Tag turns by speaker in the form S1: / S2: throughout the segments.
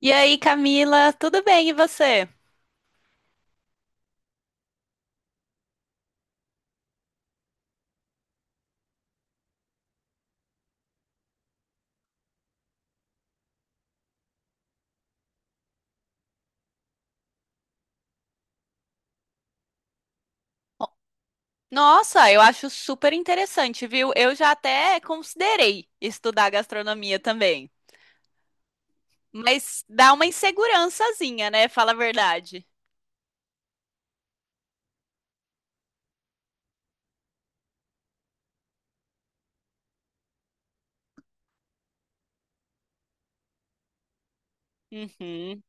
S1: E aí, Camila, tudo bem e você? Nossa, eu acho super interessante, viu? Eu já até considerei estudar gastronomia também, mas dá uma insegurançazinha, né? Fala a verdade. Uhum.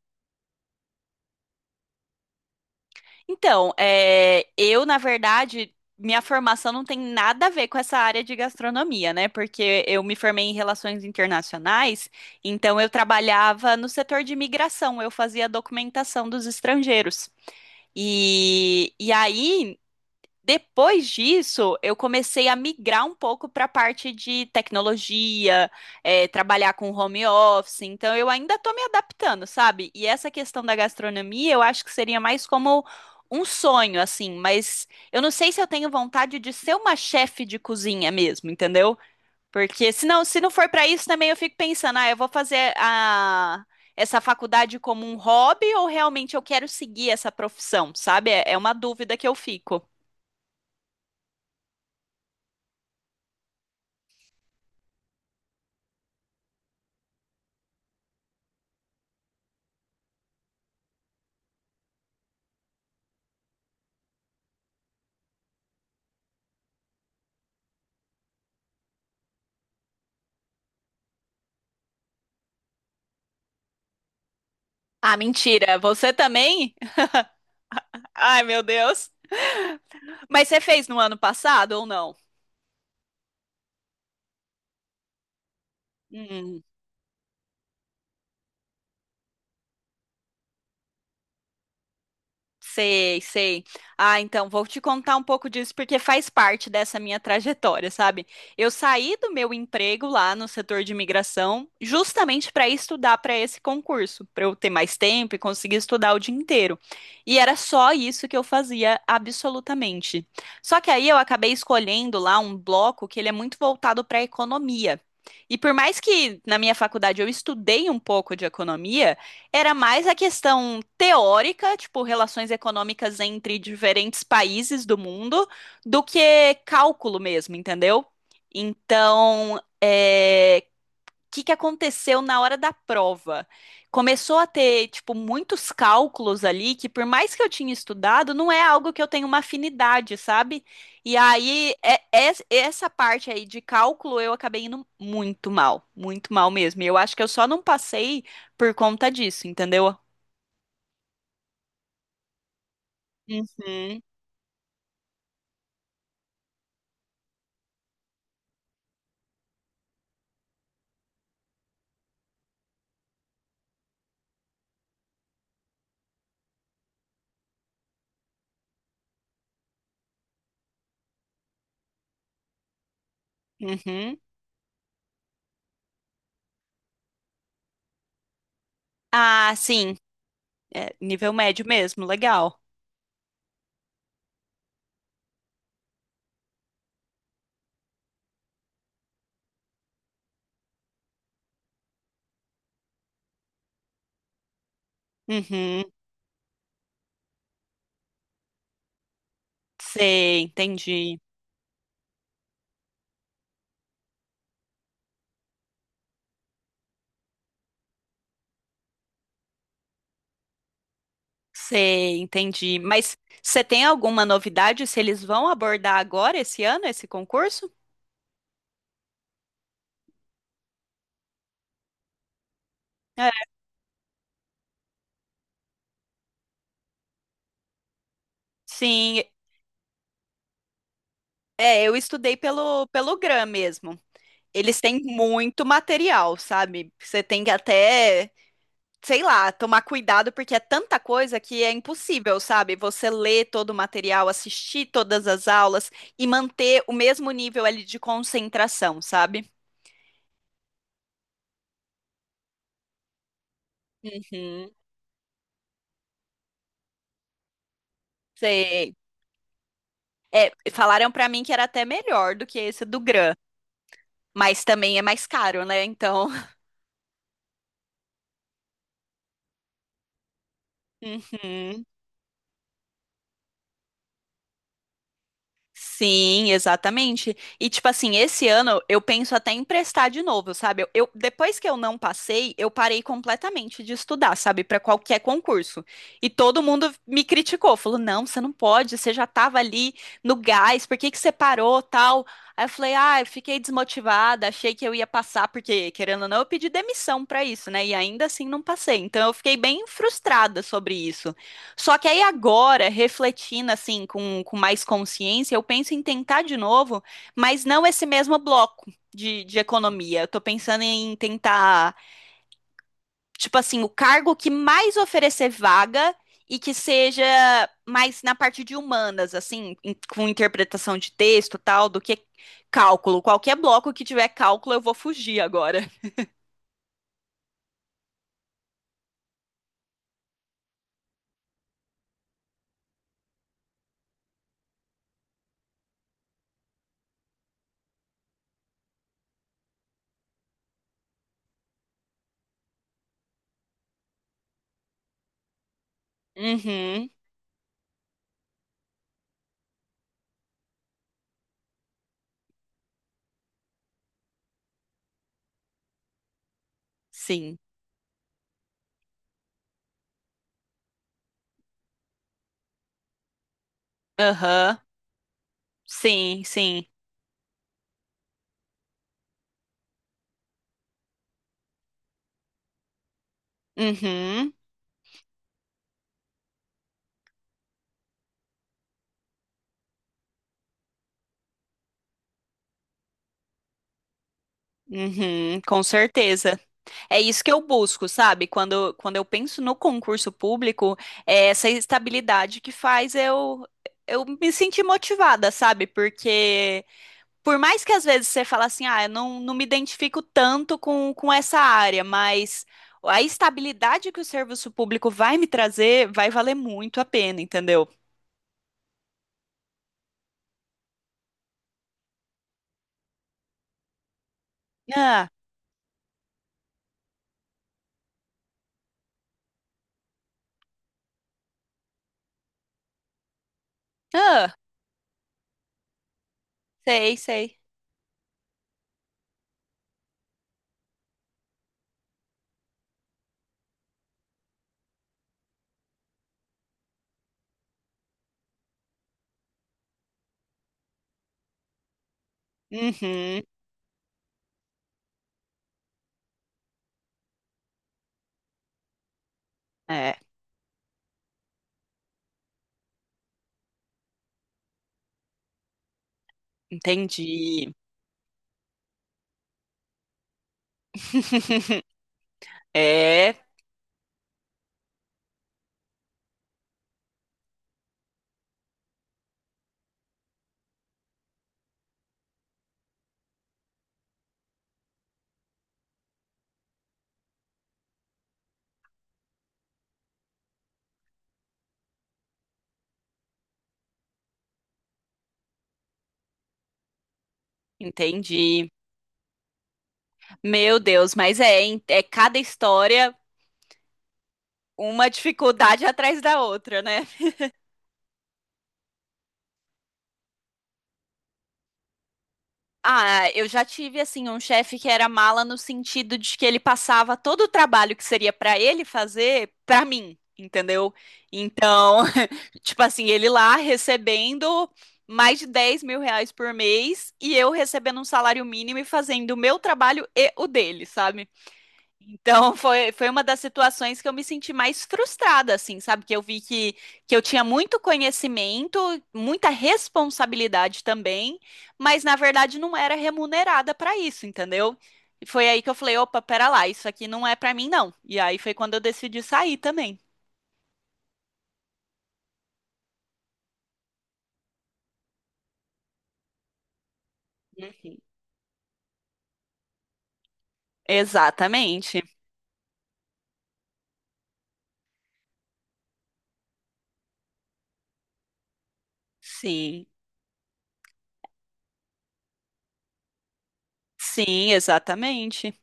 S1: Então, é, eu, na verdade, minha formação não tem nada a ver com essa área de gastronomia, né? Porque eu me formei em relações internacionais, então eu trabalhava no setor de imigração, eu fazia documentação dos estrangeiros. E aí. Depois disso, eu comecei a migrar um pouco para a parte de tecnologia, é, trabalhar com home office, então eu ainda estou me adaptando, sabe? E essa questão da gastronomia, eu acho que seria mais como um sonho, assim, mas eu não sei se eu tenho vontade de ser uma chefe de cozinha mesmo, entendeu? Porque se não for para isso, também eu fico pensando, ah, eu vou fazer a essa faculdade como um hobby ou realmente eu quero seguir essa profissão, sabe? É uma dúvida que eu fico. Ah, mentira. Você também? Ai, meu Deus. Mas você fez no ano passado ou não? Hum. Sei, sei. Ah, então vou te contar um pouco disso porque faz parte dessa minha trajetória, sabe? Eu saí do meu emprego lá no setor de imigração justamente para estudar para esse concurso, para eu ter mais tempo e conseguir estudar o dia inteiro. E era só isso que eu fazia absolutamente. Só que aí eu acabei escolhendo lá um bloco que ele é muito voltado para economia. E por mais que na minha faculdade eu estudei um pouco de economia, era mais a questão teórica, tipo, relações econômicas entre diferentes países do mundo, do que cálculo mesmo, entendeu? Então, que aconteceu na hora da prova. Começou a ter, tipo, muitos cálculos ali que, por mais que eu tinha estudado, não é algo que eu tenho uma afinidade, sabe? E aí, essa parte aí de cálculo, eu acabei indo muito mal mesmo. E eu acho que eu só não passei por conta disso, entendeu? Uhum, uhum. Ah, sim, é, nível médio mesmo, legal. Uhum, sei, entendi. Sei, entendi. Mas você tem alguma novidade se eles vão abordar agora esse ano esse concurso? É. Sim, é, eu estudei pelo GRAM mesmo. Eles têm muito material, sabe? Você tem que até, sei lá, tomar cuidado porque é tanta coisa que é impossível, sabe? Você ler todo o material, assistir todas as aulas e manter o mesmo nível ali de concentração, sabe? Uhum, sei. É, falaram pra mim que era até melhor do que esse do GRAM. Mas também é mais caro, né? Então. Uhum. Sim, exatamente. E tipo assim, esse ano eu penso até em emprestar de novo, sabe? Depois que eu não passei, eu parei completamente de estudar, sabe, para qualquer concurso. E todo mundo me criticou, falou: "Não, você não pode, você já tava ali no gás, por que que você parou, tal?" Aí eu falei: "Ah, eu fiquei desmotivada, achei que eu ia passar porque querendo ou não, eu pedi demissão para isso, né? E ainda assim não passei. Então eu fiquei bem frustrada sobre isso. Só que aí agora, refletindo assim, com mais consciência, eu penso em tentar de novo, mas não esse mesmo bloco de economia. Eu tô pensando em tentar, tipo assim, o cargo que mais oferecer vaga e que seja mais na parte de humanas, assim, com interpretação de texto e tal, do que cálculo. Qualquer bloco que tiver cálculo, eu vou fugir agora. Uhum, sim. Aham, sim, sim. Uhum, uhum, com certeza. É isso que eu busco, sabe? Quando eu penso no concurso público, é essa estabilidade que faz eu me sentir motivada, sabe? Porque por mais que às vezes você fala assim, ah, eu não me identifico tanto com essa área, mas a estabilidade que o serviço público vai me trazer vai valer muito a pena, entendeu? Ah, ah, sei, sei. Uhum, é, entendi. É, entendi. Meu Deus, mas é, hein, é cada história uma dificuldade atrás da outra, né? Ah, eu já tive assim um chefe que era mala no sentido de que ele passava todo o trabalho que seria pra ele fazer pra mim, entendeu? Então, tipo assim, ele lá recebendo mais de 10 mil reais por mês e eu recebendo um salário mínimo e fazendo o meu trabalho e o dele, sabe? Então foi uma das situações que eu me senti mais frustrada, assim, sabe? Que eu vi que eu tinha muito conhecimento, muita responsabilidade também, mas na verdade não era remunerada para isso, entendeu? E foi aí que eu falei, opa, pera lá, isso aqui não é para mim, não. E aí foi quando eu decidi sair também. Uhum. Exatamente. Sim, sim, exatamente.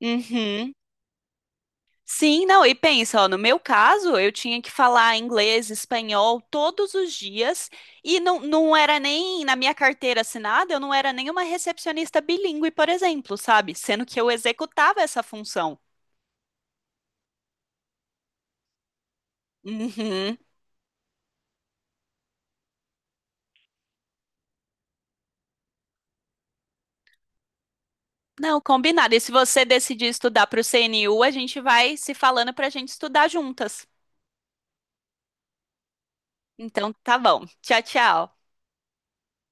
S1: Uhum. Sim, não, e pensa, ó, no meu caso, eu tinha que falar inglês, espanhol todos os dias, e não, não era nem na minha carteira assinada, eu não era nem uma recepcionista bilíngue, por exemplo, sabe? Sendo que eu executava essa função. Uhum. Não, combinado. E se você decidir estudar para o CNU, a gente vai se falando para a gente estudar juntas. Então, tá bom. Tchau, tchau.